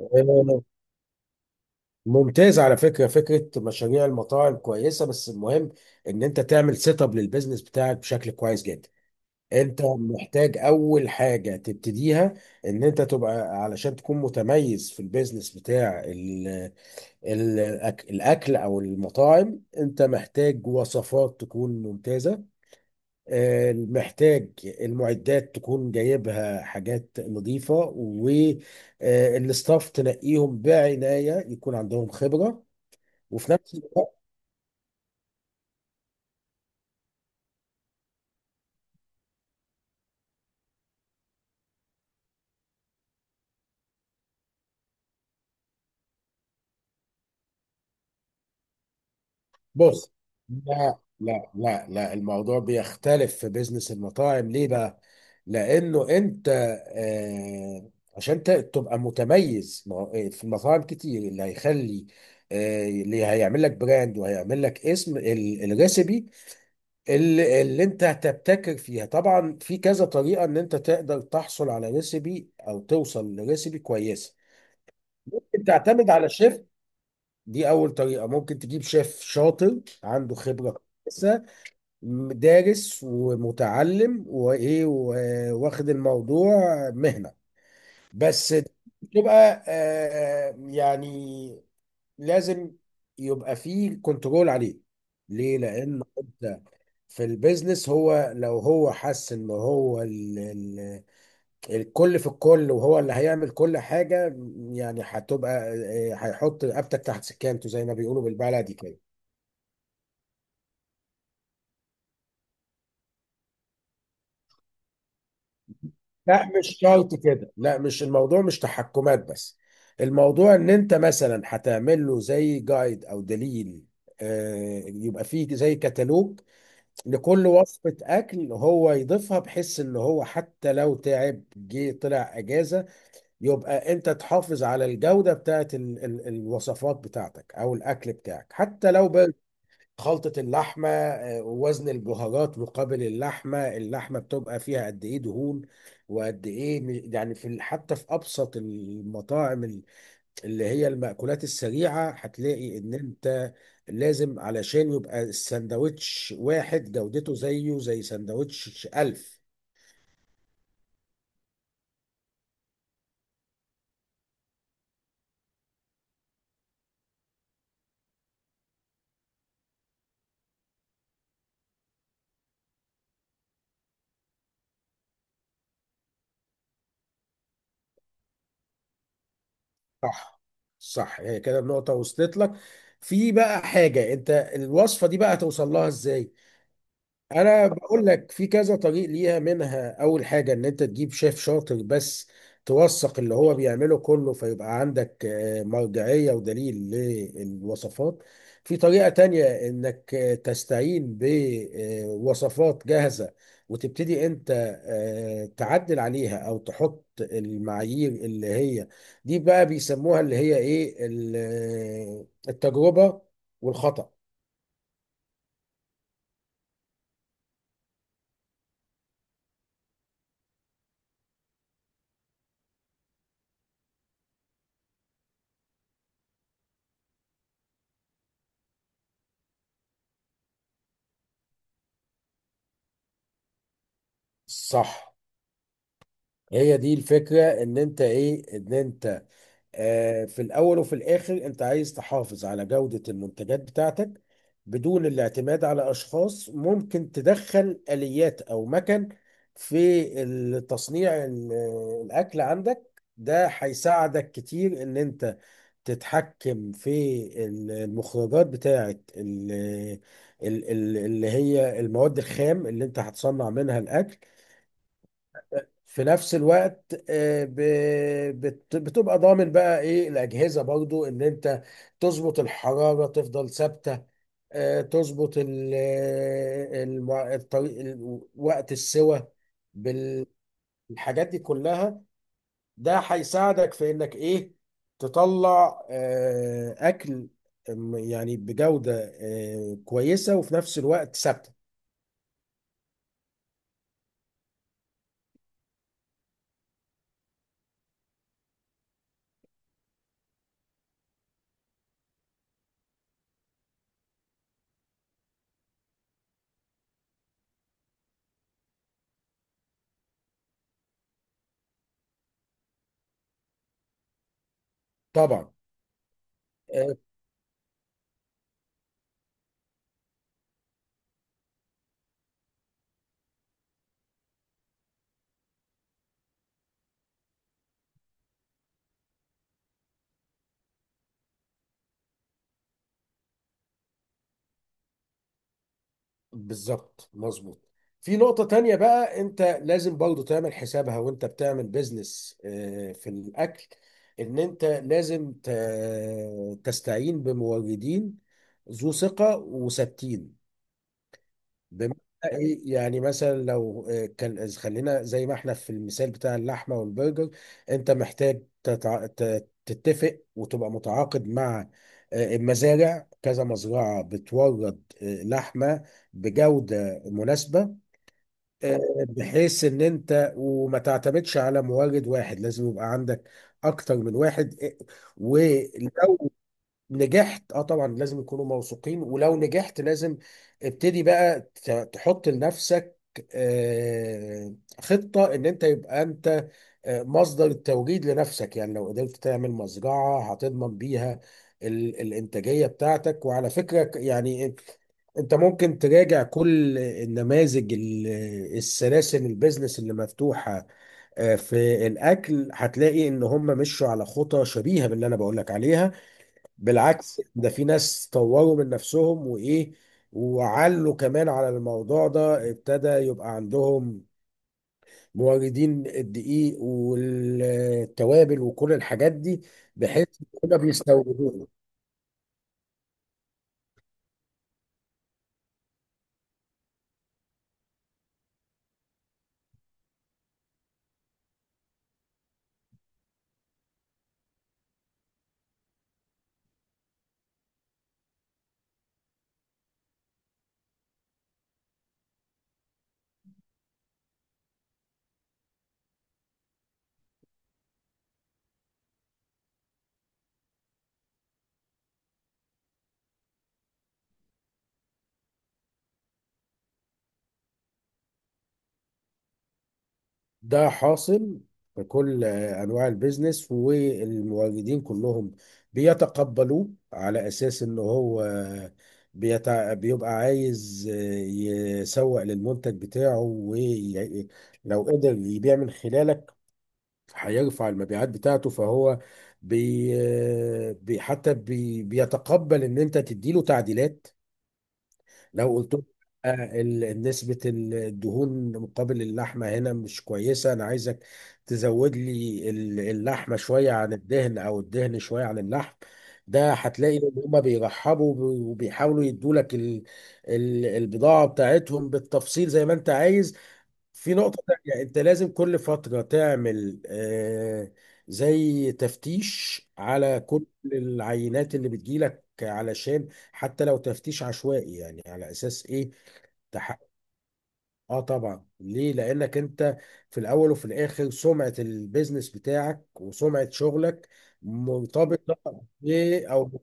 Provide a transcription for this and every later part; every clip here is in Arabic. آه، ممتاز. على فكرة فكرة مشاريع المطاعم كويسة، بس المهم ان انت تعمل سيت اب للبيزنس بتاعك بشكل كويس جدا. انت محتاج اول حاجة تبتديها ان انت تبقى، علشان تكون متميز في البيزنس بتاع ال الاكل او المطاعم، انت محتاج وصفات تكون ممتازة. محتاج المعدات تكون جايبها حاجات نظيفة، والستاف تنقيهم بعناية يكون عندهم خبرة. وفي نفس الوقت، بص. لا لا لا لا، الموضوع بيختلف في بيزنس المطاعم، ليه بقى؟ لأنه أنت عشان تبقى متميز. ما هو- آه، في المطاعم كتير اللي هيخلي، اللي هيعمل لك براند وهيعمل لك اسم الريسبي اللي انت هتبتكر فيها. طبعا في كذا طريقة ان انت تقدر تحصل على ريسيبي او توصل لريسيبي كويسة. انت تعتمد على شيف، دي اول طريقة. ممكن تجيب شيف شاطر عنده خبرة كويسة، دارس ومتعلم وايه واخد الموضوع مهنة. بس تبقى يعني لازم يبقى فيه كنترول عليه. ليه؟ لان انت في البيزنس، هو لو هو حس ان هو ال الكل في الكل وهو اللي هيعمل كل حاجة، يعني هتبقى، هيحط رقبتك تحت سكانته زي ما بيقولوا بالبلدي كده. لا، مش شرط كده، لا، مش الموضوع مش تحكمات بس. الموضوع ان انت مثلا هتعمل له زي جايد او دليل، يبقى فيه زي كتالوج لكل وصفة أكل هو يضيفها، بحيث إن هو حتى لو تعب جه طلع أجازة، يبقى انت تحافظ على الجودة بتاعت ال الوصفات بتاعتك او الاكل بتاعك. حتى لو بقى خلطة اللحمة، ووزن البهارات مقابل اللحمة، اللحمة بتبقى فيها قد ايه دهون، وقد ايه، يعني في حتى في ابسط المطاعم، اللي هي المأكولات السريعة، هتلاقي ان انت لازم، علشان يبقى السندوتش واحد جودته زيه زي سندوتش ألف. صح، صح، هي كده النقطة وصلت لك. في بقى حاجة انت، الوصفة دي بقى هتوصل لها ازاي؟ انا بقول لك في كذا طريق ليها، منها اول حاجه ان انت تجيب شيف شاطر، بس توثق اللي هو بيعمله كله، فيبقى عندك مرجعيه ودليل للوصفات. في طريقه تانية انك تستعين بوصفات جاهزه وتبتدي انت تعدل عليها او تحط المعايير اللي هي، دي بقى بيسموها اللي هي ايه، التجربه والخطأ. صح، هي دي الفكرة، ان انت ايه، ان انت في الاول وفي الاخر انت عايز تحافظ على جودة المنتجات بتاعتك بدون الاعتماد على اشخاص. ممكن تدخل اليات او مكن في تصنيع الاكل عندك، ده هيساعدك كتير ان انت تتحكم في المخرجات بتاعت اللي هي المواد الخام اللي انت هتصنع منها الاكل. في نفس الوقت بتبقى ضامن بقى ايه الاجهزه برضو، ان انت تظبط الحراره تفضل ثابته، تظبط الطريق، وقت السوى، بالحاجات دي كلها. ده هيساعدك في انك ايه، تطلع اكل يعني بجوده كويسه وفي نفس الوقت ثابته. طبعا. آه، بالظبط، مظبوط. في نقطة تانية بقى، انت لازم برضو تعمل حسابها وانت بتعمل بيزنس في الأكل، ان انت لازم تستعين بموردين ذو ثقة وثابتين. بمعنى ايه؟ يعني مثلا لو خلينا زي ما احنا في المثال بتاع اللحمه والبرجر، انت محتاج تتفق وتبقى متعاقد مع المزارع، كذا مزرعه بتورد لحمه بجوده مناسبه. آه، بحيث ان انت وما تعتمدش على مورد واحد، لازم يبقى عندك اكتر من واحد. ولو نجحت، اه طبعا لازم يكونوا موثوقين، ولو نجحت لازم ابتدي بقى تحط لنفسك آه، خطة ان انت يبقى انت مصدر التوجيد لنفسك. يعني لو قدرت تعمل مزرعة هتضمن بيها الانتاجية بتاعتك. وعلى فكرة، يعني انت ممكن تراجع كل النماذج، السلاسل البيزنس اللي مفتوحة في الاكل، هتلاقي ان هم مشوا على خطى شبيهة باللي انا بقولك عليها. بالعكس، ده في ناس طوروا من نفسهم وايه، وعلوا كمان على الموضوع ده، ابتدى يبقى عندهم موردين الدقيق والتوابل وكل الحاجات دي، بحيث كنا بيستوردوها. ده حاصل في كل انواع البيزنس، والمواجدين كلهم بيتقبلوه على اساس ان هو بيبقى عايز يسوق للمنتج بتاعه، ولو قدر يبيع من خلالك هيرفع المبيعات بتاعته، فهو بي... حتى بيتقبل ان انت تديله تعديلات. لو قلت لهم نسبة الدهون مقابل اللحمة هنا مش كويسة، أنا عايزك تزود لي اللحمة شوية عن الدهن أو الدهن شوية عن اللحم، ده هتلاقي إن هما بيرحبوا وبيحاولوا يدولك البضاعة بتاعتهم بالتفصيل زي ما أنت عايز. في نقطة تانية يعني أنت لازم كل فترة تعمل زي تفتيش على كل العينات اللي بتجيلك، علشان حتى لو تفتيش عشوائي، يعني على أساس إيه، تحقق. آه طبعا. ليه؟ لأنك أنت في الأول وفي الآخر، سمعة البيزنس بتاعك وسمعة شغلك مرتبطة ب- أو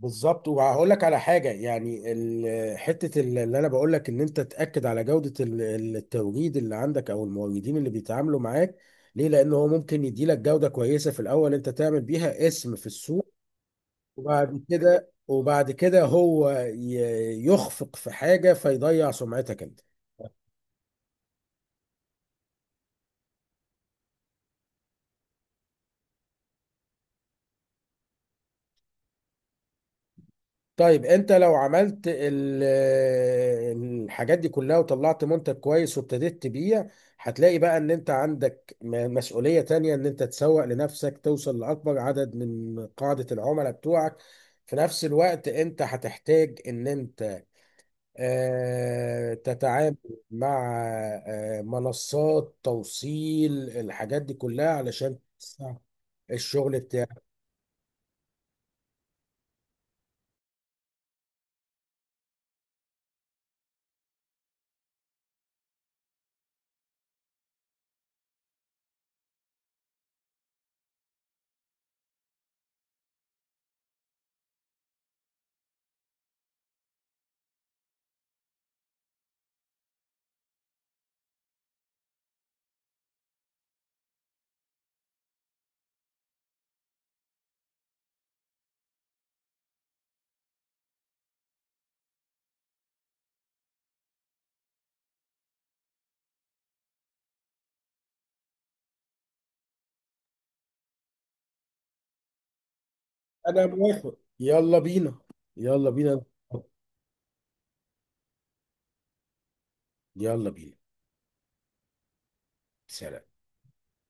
بالظبط. وهقول لك على حاجه، يعني حته اللي انا بقول لك ان انت تاكد على جوده التوريد اللي عندك او الموردين اللي بيتعاملوا معاك، ليه؟ لان هو ممكن يدي لك جوده كويسه في الاول، انت تعمل بيها اسم في السوق، وبعد كده هو يخفق في حاجه فيضيع سمعتك انت. طيب، انت لو عملت الحاجات دي كلها وطلعت منتج كويس وابتديت تبيع، هتلاقي بقى ان انت عندك مسؤولية تانية، ان انت تسوق لنفسك، توصل لأكبر عدد من قاعدة العملاء بتوعك. في نفس الوقت انت هتحتاج ان انت تتعامل مع منصات توصيل، الحاجات دي كلها علشان تسع الشغل بتاعك. انا موافق، يلا بينا، يلا بينا، يلا بينا، سلام.